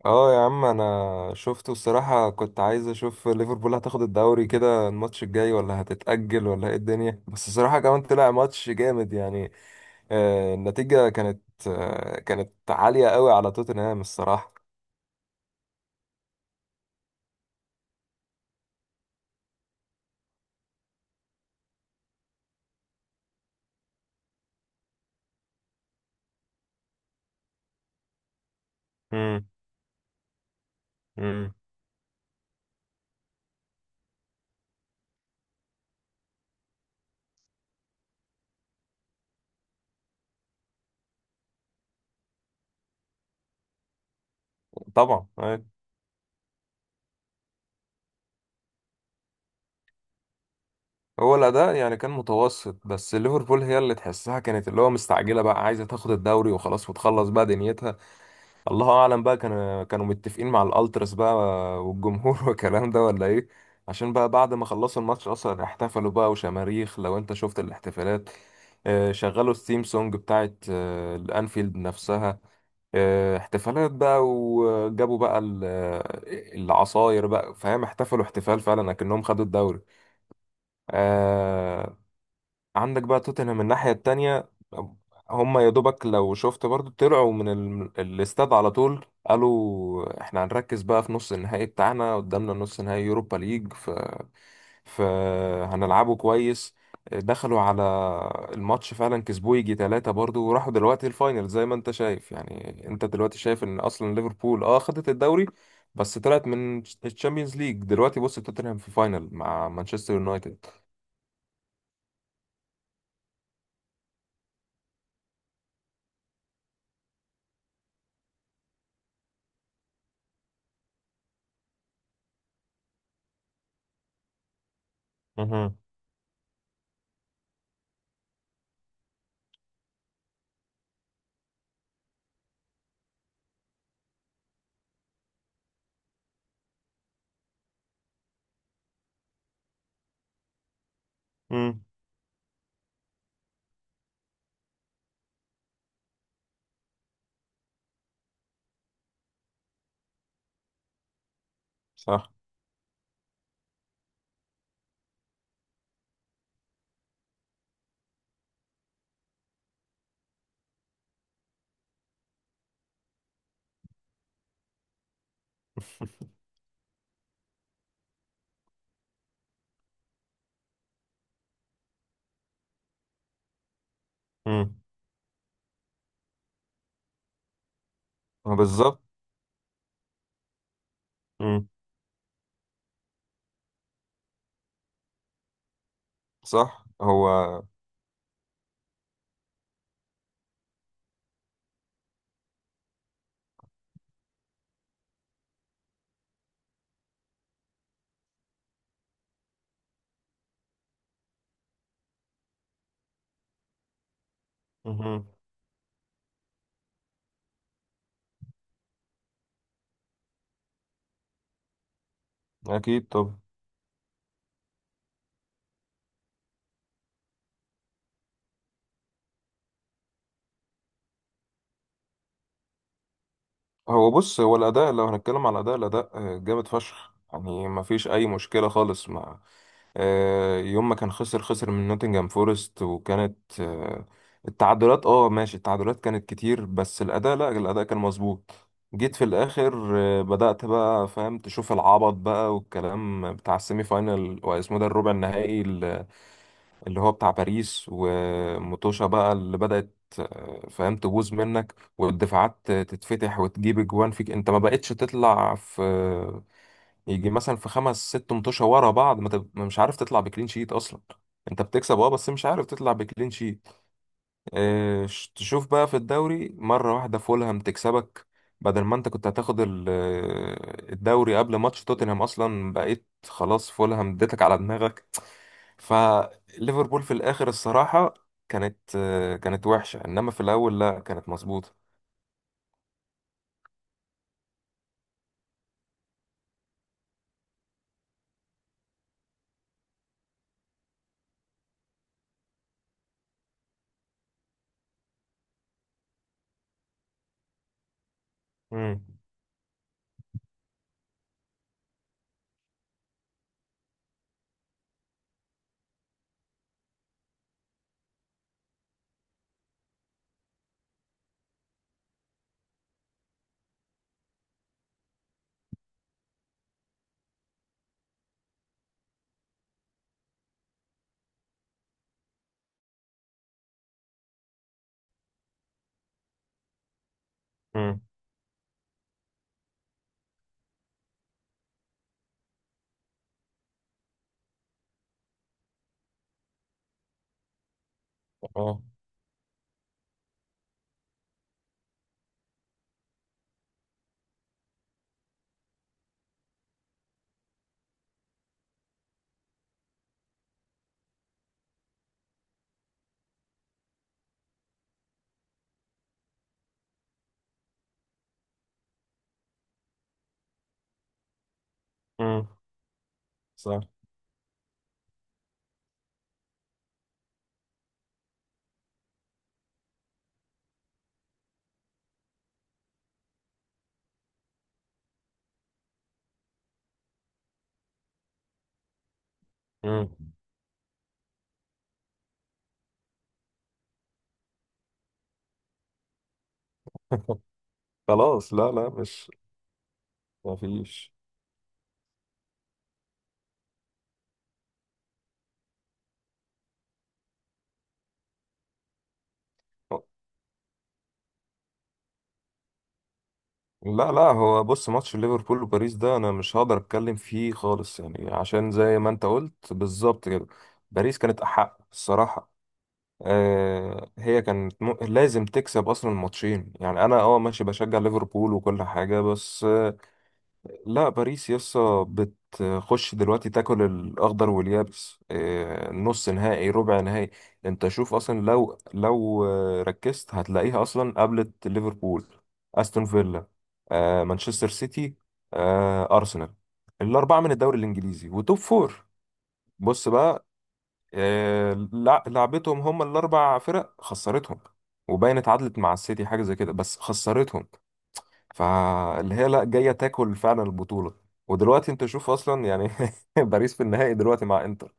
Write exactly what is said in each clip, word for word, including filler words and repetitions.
اه يا عم، انا شفته الصراحة. كنت عايز اشوف ليفربول هتاخد الدوري كده، الماتش الجاي ولا هتتأجل ولا ايه الدنيا؟ بس الصراحة كمان طلع ماتش جامد يعني. آه النتيجة كانت آه كانت عالية قوي على توتنهام الصراحة. امم. امم. طبعا أيوة. هو الأداء يعني كان متوسط، بس ليفربول هي اللي تحسها كانت اللي هو مستعجلة بقى، عايزة تاخد الدوري وخلاص وتخلص بقى دنيتها. الله اعلم بقى، كانوا كانوا متفقين مع الالتراس بقى والجمهور والكلام ده ولا ايه. عشان بقى بعد ما خلصوا الماتش اصلا احتفلوا بقى وشماريخ، لو انت شفت الاحتفالات. آه، شغلوا الثيم سونج بتاعت آه، الانفيلد نفسها. آه، احتفالات بقى، وجابوا بقى ال- آه، العصاير بقى فاهم، احتفلوا احتفال فعلا اكنهم خدوا الدوري. آه، عندك بقى توتنهام من الناحية التانية. هم يا دوبك لو شفت برضو طلعوا من ال... الاستاد، على طول قالوا احنا هنركز بقى في نص النهائي بتاعنا، قدامنا نص نهائي يوروبا ليج ف... فهنلعبه كويس. دخلوا على الماتش فعلا كسبوه يجي ثلاثة برضو، وراحوا دلوقتي الفاينل زي ما انت شايف يعني. انت دلوقتي شايف ان اصلا ليفربول اه خدت الدوري، بس طلعت من الشامبيونز ليج. دلوقتي بص، توتنهام في فاينل مع مانشستر يونايتد. مهم. مم. صح. مم. بالظبط. مم. صح هو. مهم. اكيد. طب هو بص، هو الاداء، لو هنتكلم على الاداء الاداء آه، جامد فشخ يعني، ما فيش اي مشكله خالص مع آه، يوم ما كان خسر خسر من نوتنجهام فورست. وكانت آه، التعادلات، اه ماشي، التعادلات كانت كتير، بس الأداء لا، الأداء كان مظبوط. جيت في الآخر آه، بدأت بقى فاهم تشوف العبط بقى والكلام، بتاع السيمي فاينال، واسمه ده الربع النهائي ال- اللي هو بتاع باريس وموتوشا بقى اللي بدأت آه، فاهم تبوظ منك والدفاعات تتفتح وتجيب اجوان فيك، انت ما بقتش تطلع في يجي مثلا في خمس ست متوشة ورا بعض، ما تب... ما مش عارف تطلع بكلين شيت اصلا. انت بتكسب اه، بس مش عارف تطلع بكلين شيت. اه... ش- تشوف بقى في الدوري مرة واحدة فولهام تكسبك، بدل ما انت كنت هتاخد ال- آه، الدوري قبل ماتش توتنهام اصلا، بقيت خلاص فولهام اديتك على دماغك. فليفربول في الاخر الصراحة كانت آه، كانت وحشة، انما في الاول لا كانت مظبوطة. امم. امم. اه. امم. صح. امم. خلاص. لا لا مش... ما فيش. لا لا، هو بص، ماتش ليفربول وباريس ده انا مش هقدر اتكلم فيه خالص يعني، عشان زي ما انت قلت بالظبط كده، باريس كانت احق الصراحه. آه هي كانت م... لازم تكسب اصلا الماتشين يعني. انا اه ماشي بشجع ليفربول وكل حاجه، بس لا، باريس يسا بتخش دلوقتي تاكل الاخضر واليابس. آه، نص نهائي ربع نهائي. انت شوف اصلا، لو لو آه، ركزت هتلاقيها اصلا قابلت ليفربول، استون فيلا، آه، مانشستر سيتي، آه، ارسنال. الاربعه من الدوري الانجليزي وتوب فور. بص بقى، آه، لع- لعبتهم هم الاربع فرق خسرتهم، وباين اتعادلت مع السيتي حاجه زي كده بس خسرتهم. فاللي هي لا، جايه تاكل فعلا البطوله. ودلوقتي انت شوف اصلا يعني باريس في النهائي دلوقتي مع انتر.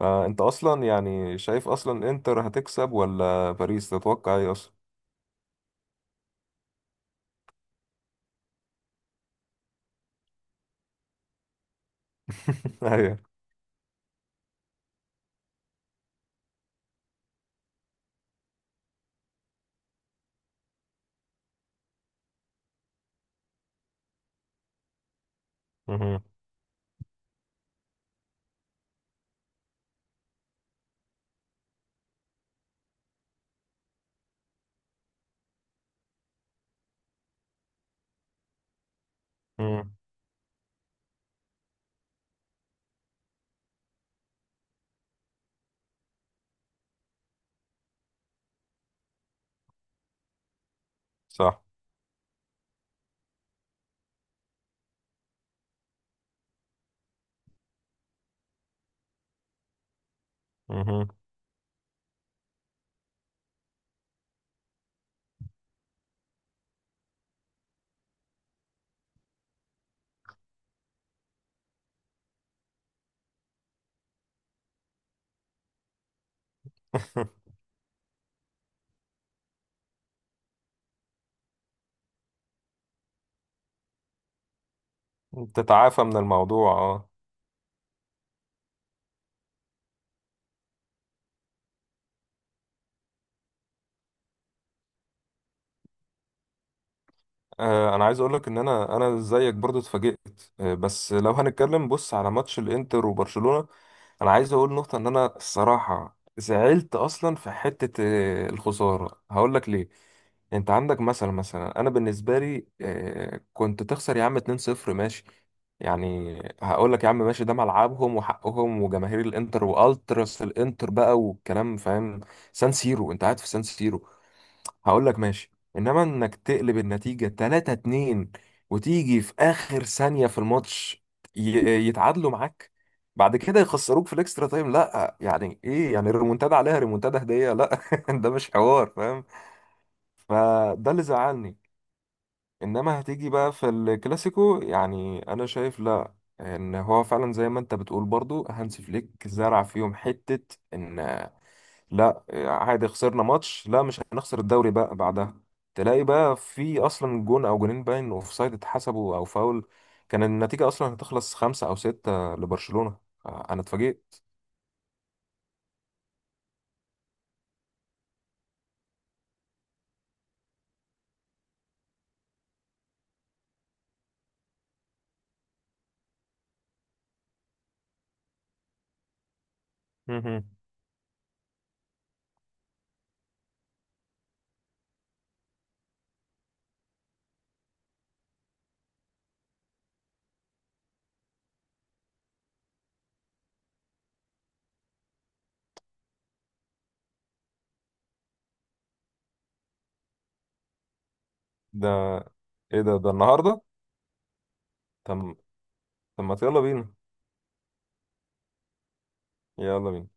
فانت اصلا يعني شايف اصلا انتر هتكسب ولا باريس؟ تتوقع ايه اصلا؟ ايوه. مهم. مهم. صح. مهم. تتعافى من الموضوع اه. آه، انا عايز اقول لك ان انا انا زيك برضو اتفاجئت. آه، بس لو هنتكلم بص على ماتش الانتر وبرشلونة، انا عايز اقول نقطة ان انا الصراحة زعلت اصلا في حتة آه، الخسارة، هقول لك ليه. انت عندك مثلا، مثلا انا بالنسبه لي آه، كنت تخسر يا عم اتنين صفر ماشي يعني، هقول لك يا عم ماشي، ده ملعبهم وحقهم وجماهير الانتر والتراس الانتر بقى والكلام فاهم. سان سيرو، انت قاعد في سان سيرو، هقول لك ماشي. انما انك تقلب النتيجه تلاتة اتنين وتيجي في اخر ثانيه في الماتش ي- يتعادلوا معاك، بعد كده يخسروك في الاكسترا تايم، لا يعني ايه يعني؟ الريمونتادا عليها ريمونتادا هديه؟ لا، ده مش حوار فاهم. فده اللي زعلني. انما هتيجي بقى في الكلاسيكو، يعني انا شايف لا، ان هو فعلا زي ما انت بتقول برضو هانس فليك زرع فيهم حتة ان لا عادي، خسرنا ماتش، لا مش هنخسر الدوري بقى بعدها. تلاقي بقى في اصلا جون او جونين باين اوفسايد اتحسبوا او فاول، كان النتيجة اصلا هتخلص خمسة او ستة لبرشلونة. آه، انا اتفاجئت. مهم. ده ايه ده، ده النهاردة؟ طب. طب ما يلا بينا. يلا بينا.